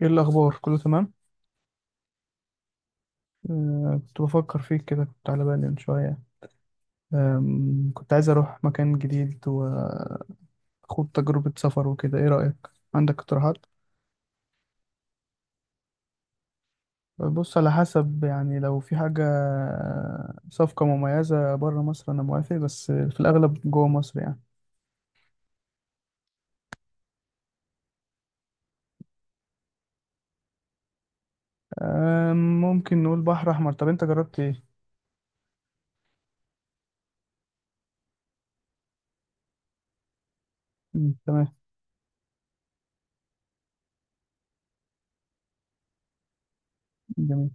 ايه الاخبار؟ كله تمام؟ آه، كنت بفكر فيك كده، كنت على بالي من شويه. كنت عايز اروح مكان جديد واخد تجربه سفر وكده. ايه رايك؟ عندك اقتراحات؟ بص، على حسب يعني، لو في حاجه صفقه مميزه بره مصر انا موافق، بس في الاغلب جوه مصر يعني. ممكن نقول بحر احمر. طب انت جربت ايه؟ مم، تمام. جميل.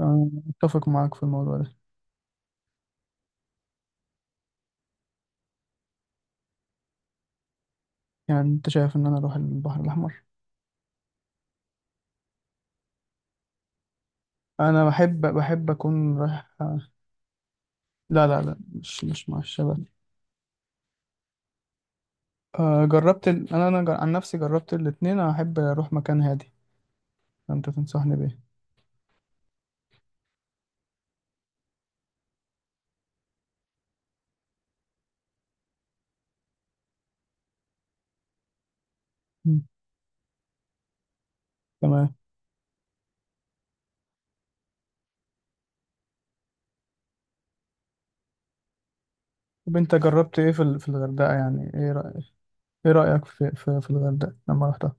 أنا اتفق معاك في الموضوع ده. يعني انت شايف ان انا اروح البحر الاحمر؟ انا بحب اكون رايح. لا، لا، لا، مش مع الشباب. آه، جربت ال... انا انا جر... عن نفسي جربت الاتنين. انا احب اروح مكان هادي. فانت تنصحني بايه؟ مم. تمام. طب انت جربت ايه في الغردقه يعني؟ ايه رأيك؟ ايه رأيك في الغردقه لما رحتها؟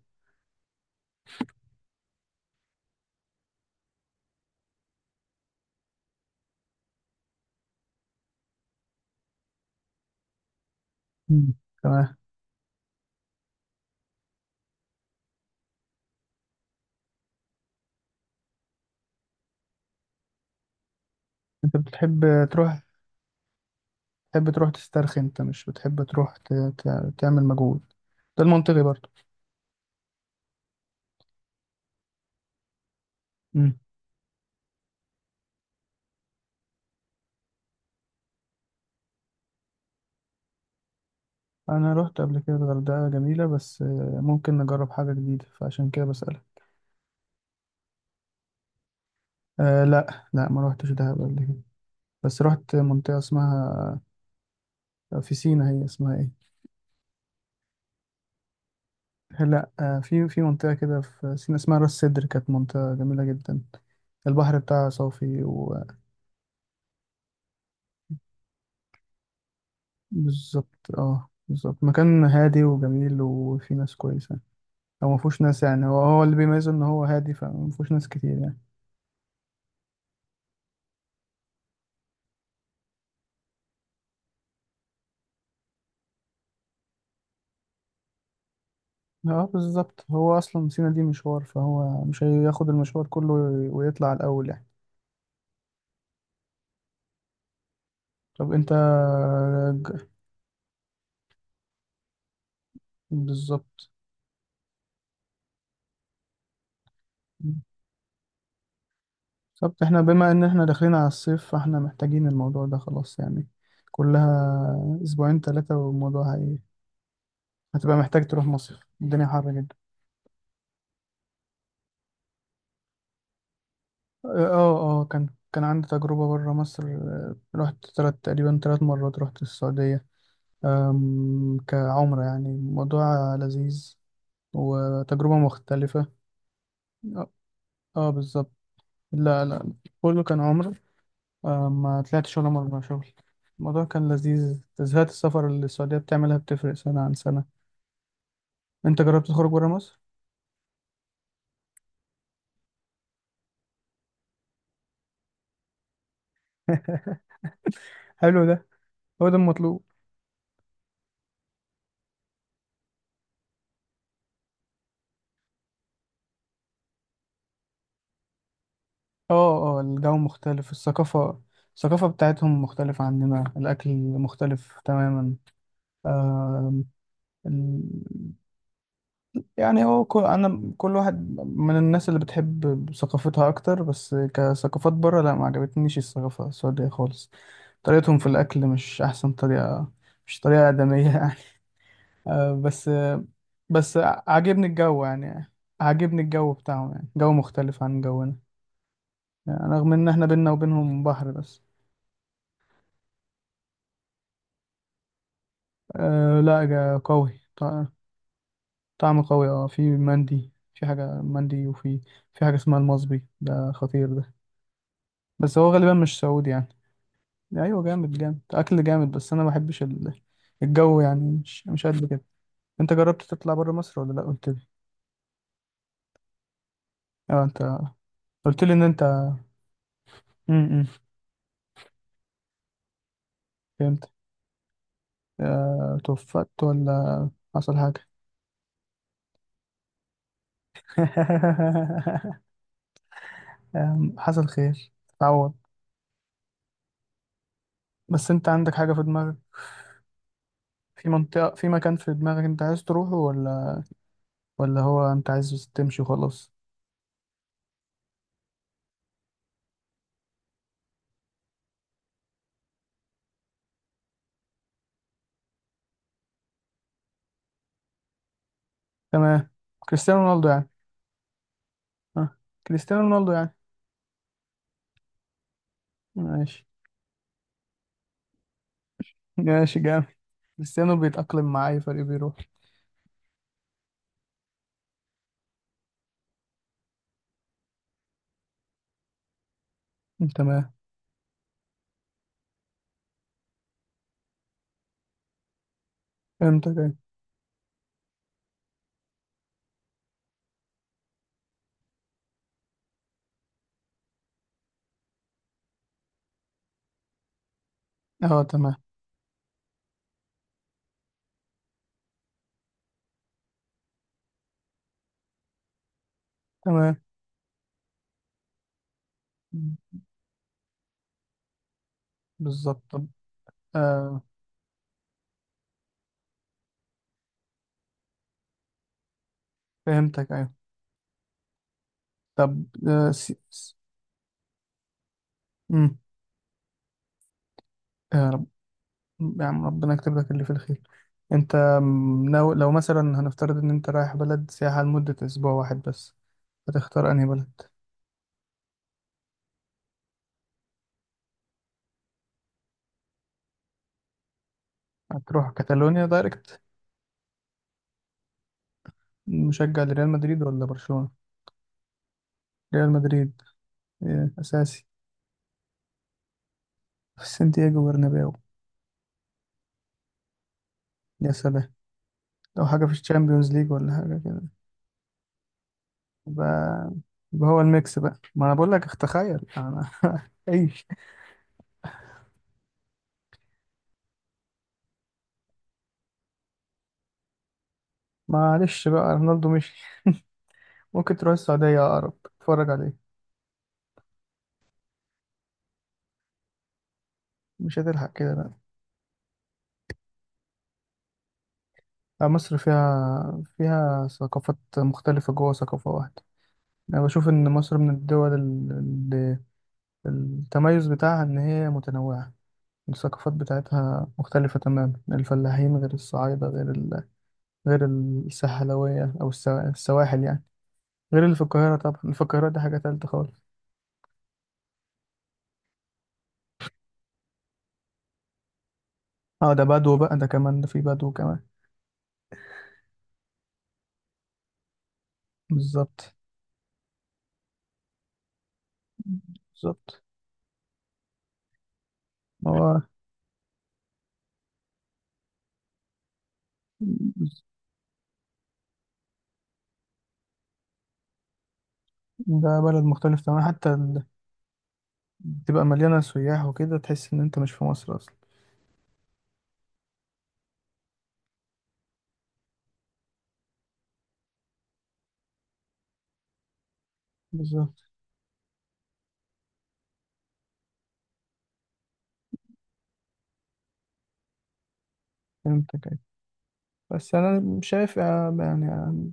مم. تمام. انت بتحب تروح، تحب تروح تسترخي، انت مش بتحب تروح تعمل مجهود؟ ده المنطقي برضه. مم. انا رحت قبل كده الغردقه جميله، بس ممكن نجرب حاجه جديده فعشان كده بسألك. آه، لا، لا، ما روحتش دهب قبل كده. بس رحت منطقة اسمها في سينا، هي اسمها ايه؟ لا، في منطقة كده في سينا اسمها راس سدر. كانت منطقة جميلة جدا. البحر بتاعها صافي. وبالظبط، اه، بالظبط، مكان هادي وجميل وفي ناس كويسة. او مفهوش ناس يعني، هو هو اللي بيميزه ان هو هادي، فمفهوش ناس كتير يعني. اه، بالظبط، هو اصلا سينا دي مشوار، فهو مش هياخد المشوار كله ويطلع الاول يعني. طب انت ج- بالظبط. طب احنا بما ان احنا داخلين على الصيف، فاحنا محتاجين الموضوع ده خلاص يعني. كلها اسبوعين ثلاثة، والموضوع هتبقى محتاج تروح مصيف. الدنيا حر جدا. اه، اه، كان عندي تجربة بره مصر. رحت تلات تقريبا 3 مرات رحت السعودية. كعمرة يعني، موضوع لذيذ وتجربة مختلفة. اه. بالظبط. لا، لا، كله كان عمرة. ما طلعتش ولا مرة شغل. الموضوع كان لذيذ. تزهقت السفر اللي السعودية بتعملها بتفرق سنة عن سنة. انت جربت تخرج برا مصر؟ حلو ده. هو ده المطلوب. اه، اه، الجو مختلف، الثقافة. الثقافة بتاعتهم مختلفة عننا. الأكل مختلف تماما. آم، ال... يعني أنا، كل واحد من الناس اللي بتحب ثقافتها أكتر، بس كثقافات برا لا، ما عجبتنيش الثقافة السعودية خالص. طريقتهم في الأكل مش أحسن طريقة. مش طريقة آدمية. بس بس عاجبني الجو يعني. عاجبني الجو بتاعهم يعني، جو مختلف عن جونا. يعني رغم ان احنا بينا وبينهم بحر بس. أه، لا، قوي، طعم قوي. اه، في مندي، في حاجة مندي، وفي في حاجة اسمها المصبي ده، خطير ده. بس هو غالبا مش سعودي يعني. ايوه، جامد جامد، اكل جامد، بس انا ما بحبش الجو يعني، مش قد كده. انت جربت تطلع بره مصر، ولا لا؟ قلت لي. اه، انت قلت لي ان انت امم توفقت ولا حصل حاجة؟ حصل خير، تعوض. بس انت عندك حاجة في دماغك؟ في منطقة، في مكان في دماغك انت عايز تروحه، ولا هو انت عايز تمشي وخلاص؟ تمام. كريستيانو رونالدو يعني؟ اه، كريستيانو رونالدو يعني. ماشي. ماشي، جامد. كريستيانو بيتأقلم مع أي فريق بيروح. تمام، فهمتك، أيوة. اه، تمام. تمام، بالظبط. طب. آه فهمتك، أيوة. طب. مم. آه، يا عم، ربنا يكتب لك اللي في الخير. انت لو مثلا هنفترض ان انت رايح بلد سياحة لمدة اسبوع واحد بس، هتختار انهي بلد؟ هتروح كاتالونيا دايركت؟ مشجع لريال مدريد ولا برشلونة؟ ريال مدريد. إيه، اساسي. في سانتياغو برنابيو. يا سلام. لو حاجة في الشامبيونز ليج ولا حاجة كده؟ يبقى يبقى هو الميكس بقى، ما انا بقول لك. تخيل انا! ايش؟ معلش بقى رونالدو مشي. ممكن تروح السعودية اقرب تتفرج عليه. مش هتلحق كده بقى. لا، مصر فيها ثقافات مختلفة جوه ثقافة واحدة. أنا بشوف إن مصر من الدول اللي التميز بتاعها إن هي متنوعة. الثقافات بتاعتها مختلفة تماما. الفلاحين غير الصعايدة غير غير الساحلوية أو السواحل يعني. غير اللي في القاهرة طبعا، اللي في القاهرة دي حاجة تالتة خالص. اه، ده بدو بقى ده كمان، ده في بدو كمان. بالظبط. بالظبط، هو ده بلد مختلف تماما حتى تبقى مليانة سياح وكده تحس إن أنت مش في مصر أصلا. بالظبط. فهمتك أيوة. بس انا شايف يعني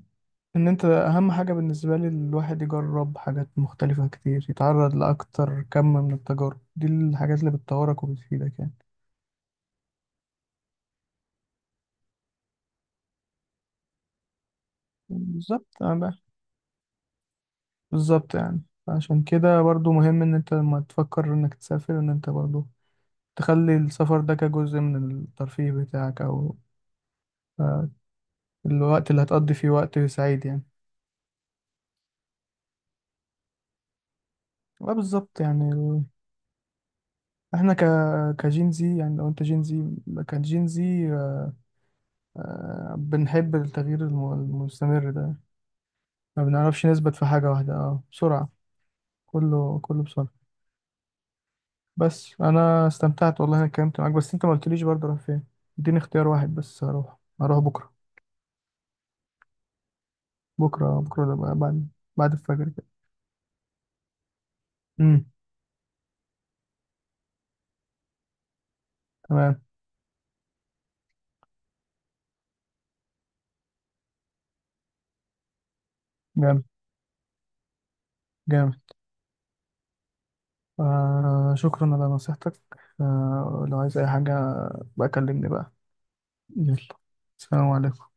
ان انت، اهم حاجه بالنسبه لي، الواحد يجرب حاجات مختلفه كتير، يتعرض لاكتر كم من التجارب، دي الحاجات اللي بتطورك وبتفيدك يعني. بالظبط. بالظبط يعني. عشان كده برضو مهم ان انت لما تفكر انك تسافر ان انت برضو تخلي السفر ده كجزء من الترفيه بتاعك، او آه، الوقت اللي هتقضي فيه وقت سعيد يعني. بالظبط يعني. احنا كجين زي يعني، لو انت جين زي كجين زي، بنحب التغيير المستمر ده. ما بنعرفش نثبت في حاجة واحدة، اه بسرعة. كله كله بسرعة. بس انا استمتعت والله. انا اتكلمت معاك بس انت ما قلتليش، برضه رايح فين؟ اديني اختيار واحد بس. هروح بكرة. بكرة، بكرة ده بقى بعد الفجر كده. امم تمام. جامد. جامد. شكرا على نصيحتك. لو عايز اي حاجة بقى، كلمني بقى. يلا. سلام عليكم.